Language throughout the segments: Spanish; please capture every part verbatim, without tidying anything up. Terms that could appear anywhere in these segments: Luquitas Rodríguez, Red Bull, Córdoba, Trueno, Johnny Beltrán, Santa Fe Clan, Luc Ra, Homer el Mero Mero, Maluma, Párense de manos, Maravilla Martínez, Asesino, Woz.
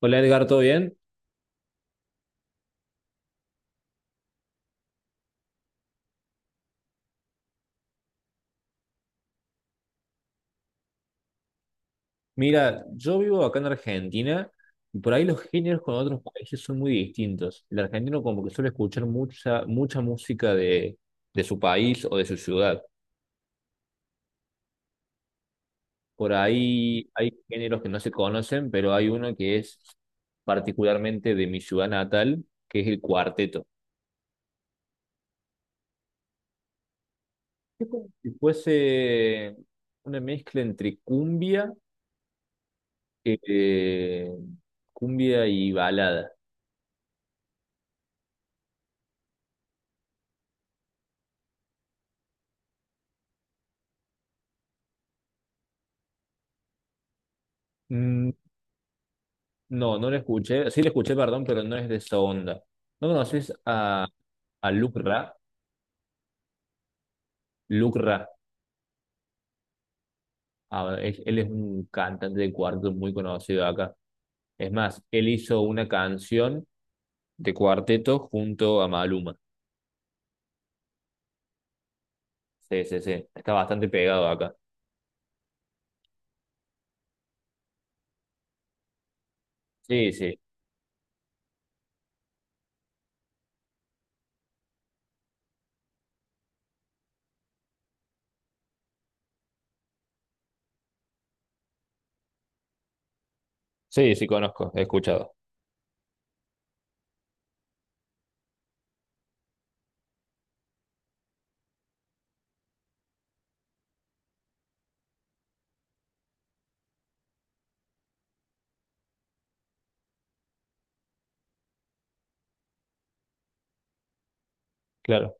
Hola Edgar, ¿todo bien? Mira, yo vivo acá en Argentina y por ahí los géneros con otros países son muy distintos. El argentino como que suele escuchar mucha, mucha música de, de su país o de su ciudad. Por ahí hay géneros que no se conocen, pero hay uno que es particularmente de mi ciudad natal, que es el cuarteto. Es como si fuese una mezcla entre cumbia, eh, cumbia y balada. No, no le escuché. Sí le escuché, perdón, pero no es de esa onda. ¿No conoces a, a Luc Ra? Luc Ra. Ah, es- él es un cantante de cuarteto muy conocido acá. Es más, él hizo una canción de cuarteto junto a Maluma. Sí, sí, sí. Está bastante pegado acá. Sí, sí. Sí, sí, conozco. He escuchado. Claro.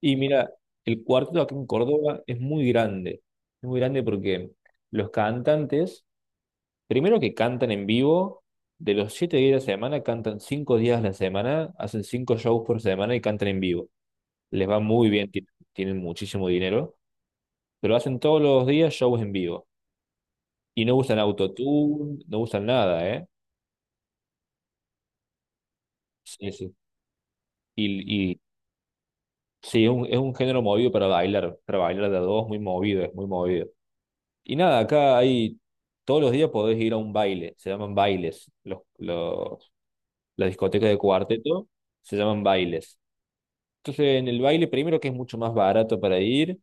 Y mira, el cuarteto aquí en Córdoba es muy grande. Es muy grande porque los cantantes Primero que cantan en vivo, de los siete días de la semana, cantan cinco días a la semana, hacen cinco shows por semana y cantan en vivo. Les va muy bien, ti- tienen muchísimo dinero, pero hacen todos los días shows en vivo. Y no usan autotune, no usan nada, ¿eh? Sí, sí. Y, y sí, es un, es un género movido para bailar, para bailar de a dos, muy movido, es muy movido. Y nada, acá hay, todos los días podés ir a un baile, se llaman bailes, los, los, las discotecas de cuarteto se llaman bailes. Entonces, en el baile, primero que es mucho más barato para ir,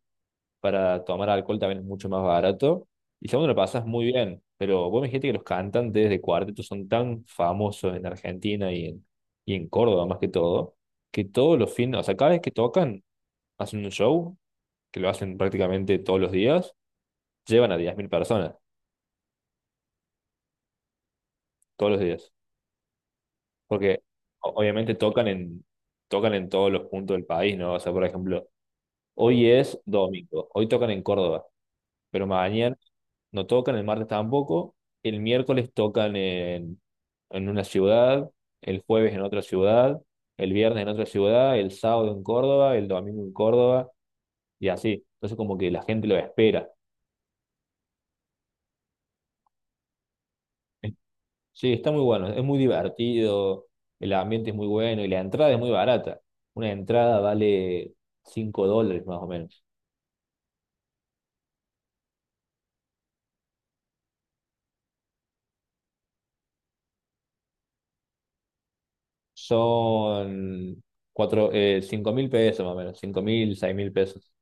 para tomar alcohol también es mucho más barato. Y segundo, lo pasas muy bien. Pero vos me dijiste que los cantantes de cuarteto son tan famosos en Argentina y en, y en Córdoba más que todo, que todos los fines, o sea, cada vez que tocan, hacen un show, que lo hacen prácticamente todos los días, llevan a diez mil personas, todos los días. Porque o- obviamente tocan en, tocan en todos los puntos del país, ¿no? O sea, por ejemplo, hoy es domingo, hoy tocan en Córdoba. Pero mañana no tocan, el martes tampoco, el miércoles tocan en, en una ciudad, el jueves en otra ciudad, el viernes en otra ciudad, el sábado en Córdoba, el domingo en Córdoba y así. Entonces como que la gente lo espera. Sí, está muy bueno, es muy divertido, el ambiente es muy bueno y la entrada es muy barata. Una entrada vale cinco dólares más o menos. Son cuatro, eh, cinco mil pesos más o menos, cinco mil, seis mil pesos.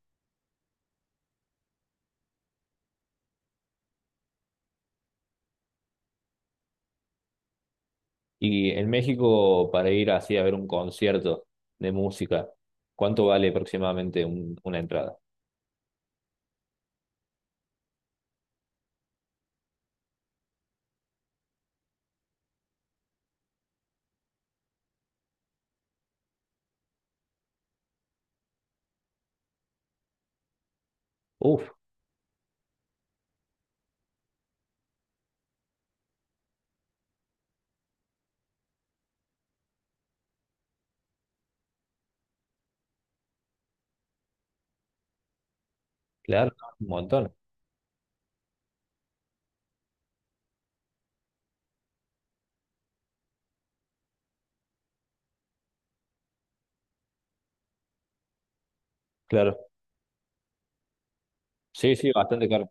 Y en México, para ir así a ver un concierto de música, ¿cuánto vale aproximadamente un- una entrada? Uf, claro, un montón. Claro. Sí, sí, bastante caro.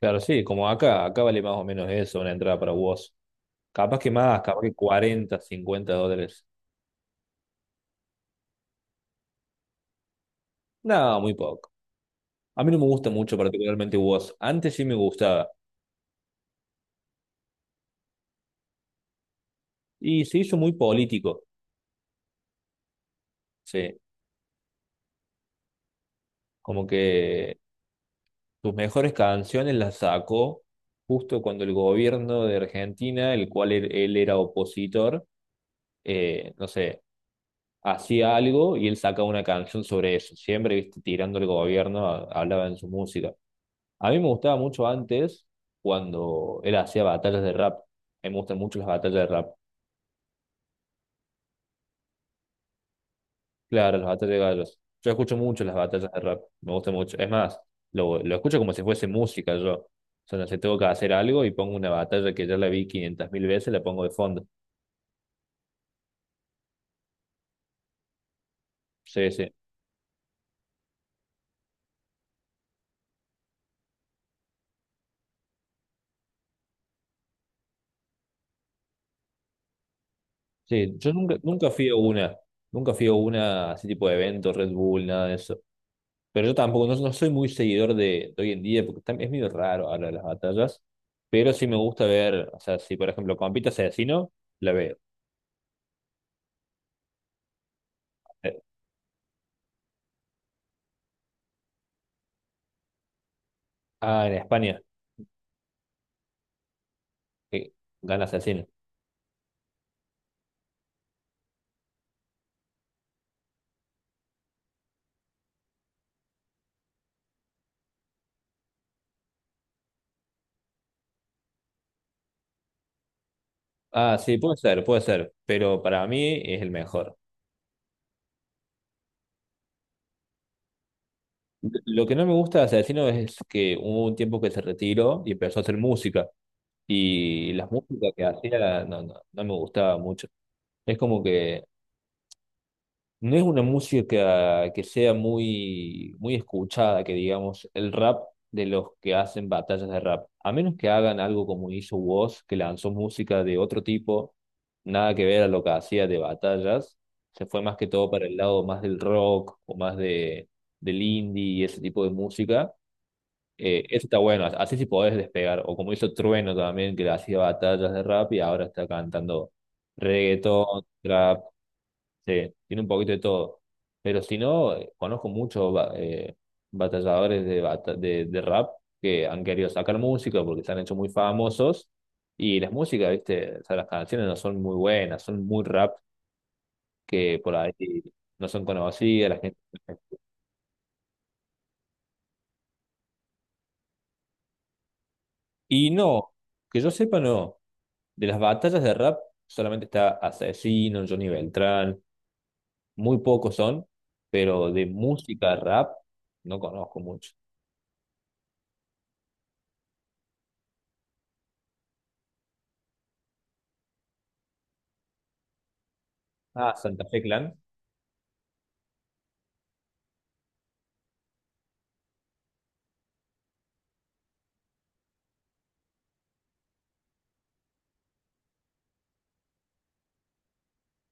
Claro, sí, como acá, acá vale más o menos eso, una entrada para vos. Capaz que más, capaz que cuarenta, cincuenta dólares. No, muy poco. A mí no me gusta mucho particularmente vos. Antes sí me gustaba. Y se hizo muy político, sí. Como que Sus mejores canciones las sacó justo cuando el gobierno de Argentina, el cual él, él era opositor, eh, no sé, hacía algo y él sacaba una canción sobre eso. Siempre, viste, tirando el gobierno, a- hablaba en su música. A mí me gustaba mucho antes cuando él hacía batallas de rap. A mí me gustan mucho las batallas de rap. Claro, las batallas de gallos. Yo escucho mucho las batallas de rap, me gusta mucho. Es más, lo, lo escucho como si fuese música yo. O sea, no sé, tengo que hacer algo y pongo una batalla que ya la vi quinientas mil veces, la pongo de fondo. Sí, sí. Sí, yo nunca, nunca fui a una, nunca fui a una, así tipo de evento, Red Bull, nada de eso. Pero yo tampoco, no, no soy muy seguidor de, de hoy en día, porque tam- es medio raro hablar de las batallas, pero sí me gusta ver, o sea, si por ejemplo compite Asesino, la veo. Eh, Ah, en España, que gana Asesino. Ah, sí, puede ser, puede ser, pero para mí es el mejor. Lo que no me gusta de Asesino es que hubo un tiempo que se retiró y empezó a hacer música, y las músicas que hacía no, no, no me gustaba mucho. Es como que No es una música que sea muy, muy escuchada, que digamos, el rap de los que hacen batallas de rap. A menos que hagan algo como hizo Woz, que lanzó música de otro tipo, nada que ver a lo que hacía de batallas. Se fue más que todo para el lado más del rock o más de, del indie y ese tipo de música. Eh, eso está bueno, así sí podés despegar. O como hizo Trueno también, que hacía batallas de rap y ahora está cantando reggaetón, trap. Sí, tiene un poquito de todo. Pero si no, eh, conozco muchos ba- eh, batalladores de, bata- de, de rap que han querido sacar música porque se han hecho muy famosos. Y las músicas, ¿viste? O sea, las canciones no son muy buenas, son muy rap que por ahí no son conocidas. La gente... Y no, que yo sepa, no. De las batallas de rap solamente está Asesino, Johnny Beltrán, muy pocos son, pero de música rap no conozco mucho. Ah, Santa Fe Clan.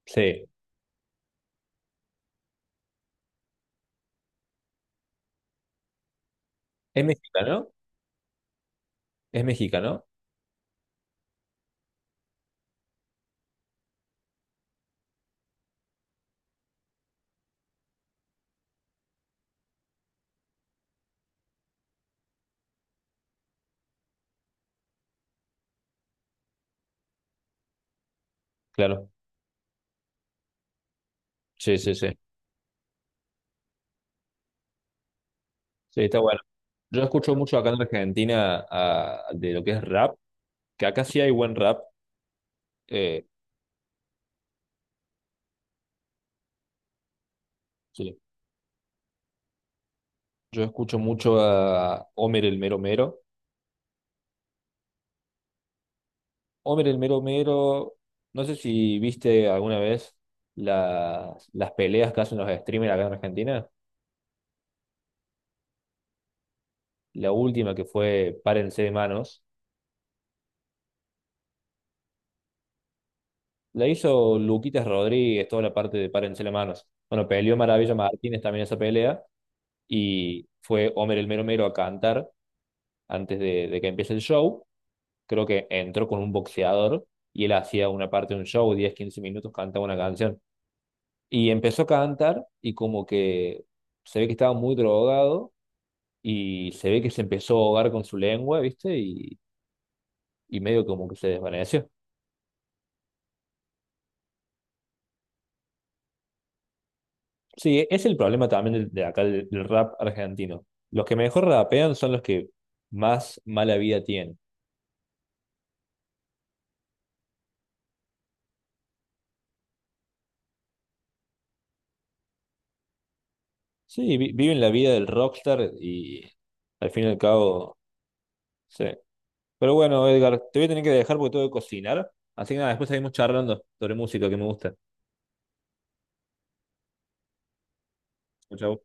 Sí, es mexicano, es mexicano, claro. Sí, sí, sí. Sí, está bueno. Yo escucho mucho acá en Argentina a- de lo que es rap, que acá sí hay buen rap. eh, sí. Yo escucho mucho a Homer el Mero Mero. Homer el Mero Mero, no sé si viste alguna vez las, las peleas que hacen los streamers acá en Argentina. La última que fue Párense de manos, la hizo Luquitas Rodríguez, toda la parte de Párense de manos. Bueno, peleó Maravilla Martínez también esa pelea. y fue Homer el Mero Mero a cantar antes de, de que empiece el show. Creo que entró con un boxeador y él hacía una parte de un show, diez, quince minutos, cantaba una canción. Y empezó a cantar y como que se ve que estaba muy drogado y se ve que se empezó a ahogar con su lengua, ¿viste? Y, y medio como que se desvaneció. Sí, e-, es el problema también del- de, acá del, del rap argentino. Los que mejor rapean son los que más mala vida tienen. Sí, vi- viven la vida del rockstar y al fin y al cabo, sí. Pero bueno, Edgar, te voy a tener que dejar porque tengo que cocinar. Así que nada, después seguimos charlando sobre música que me gusta. Chau, chau.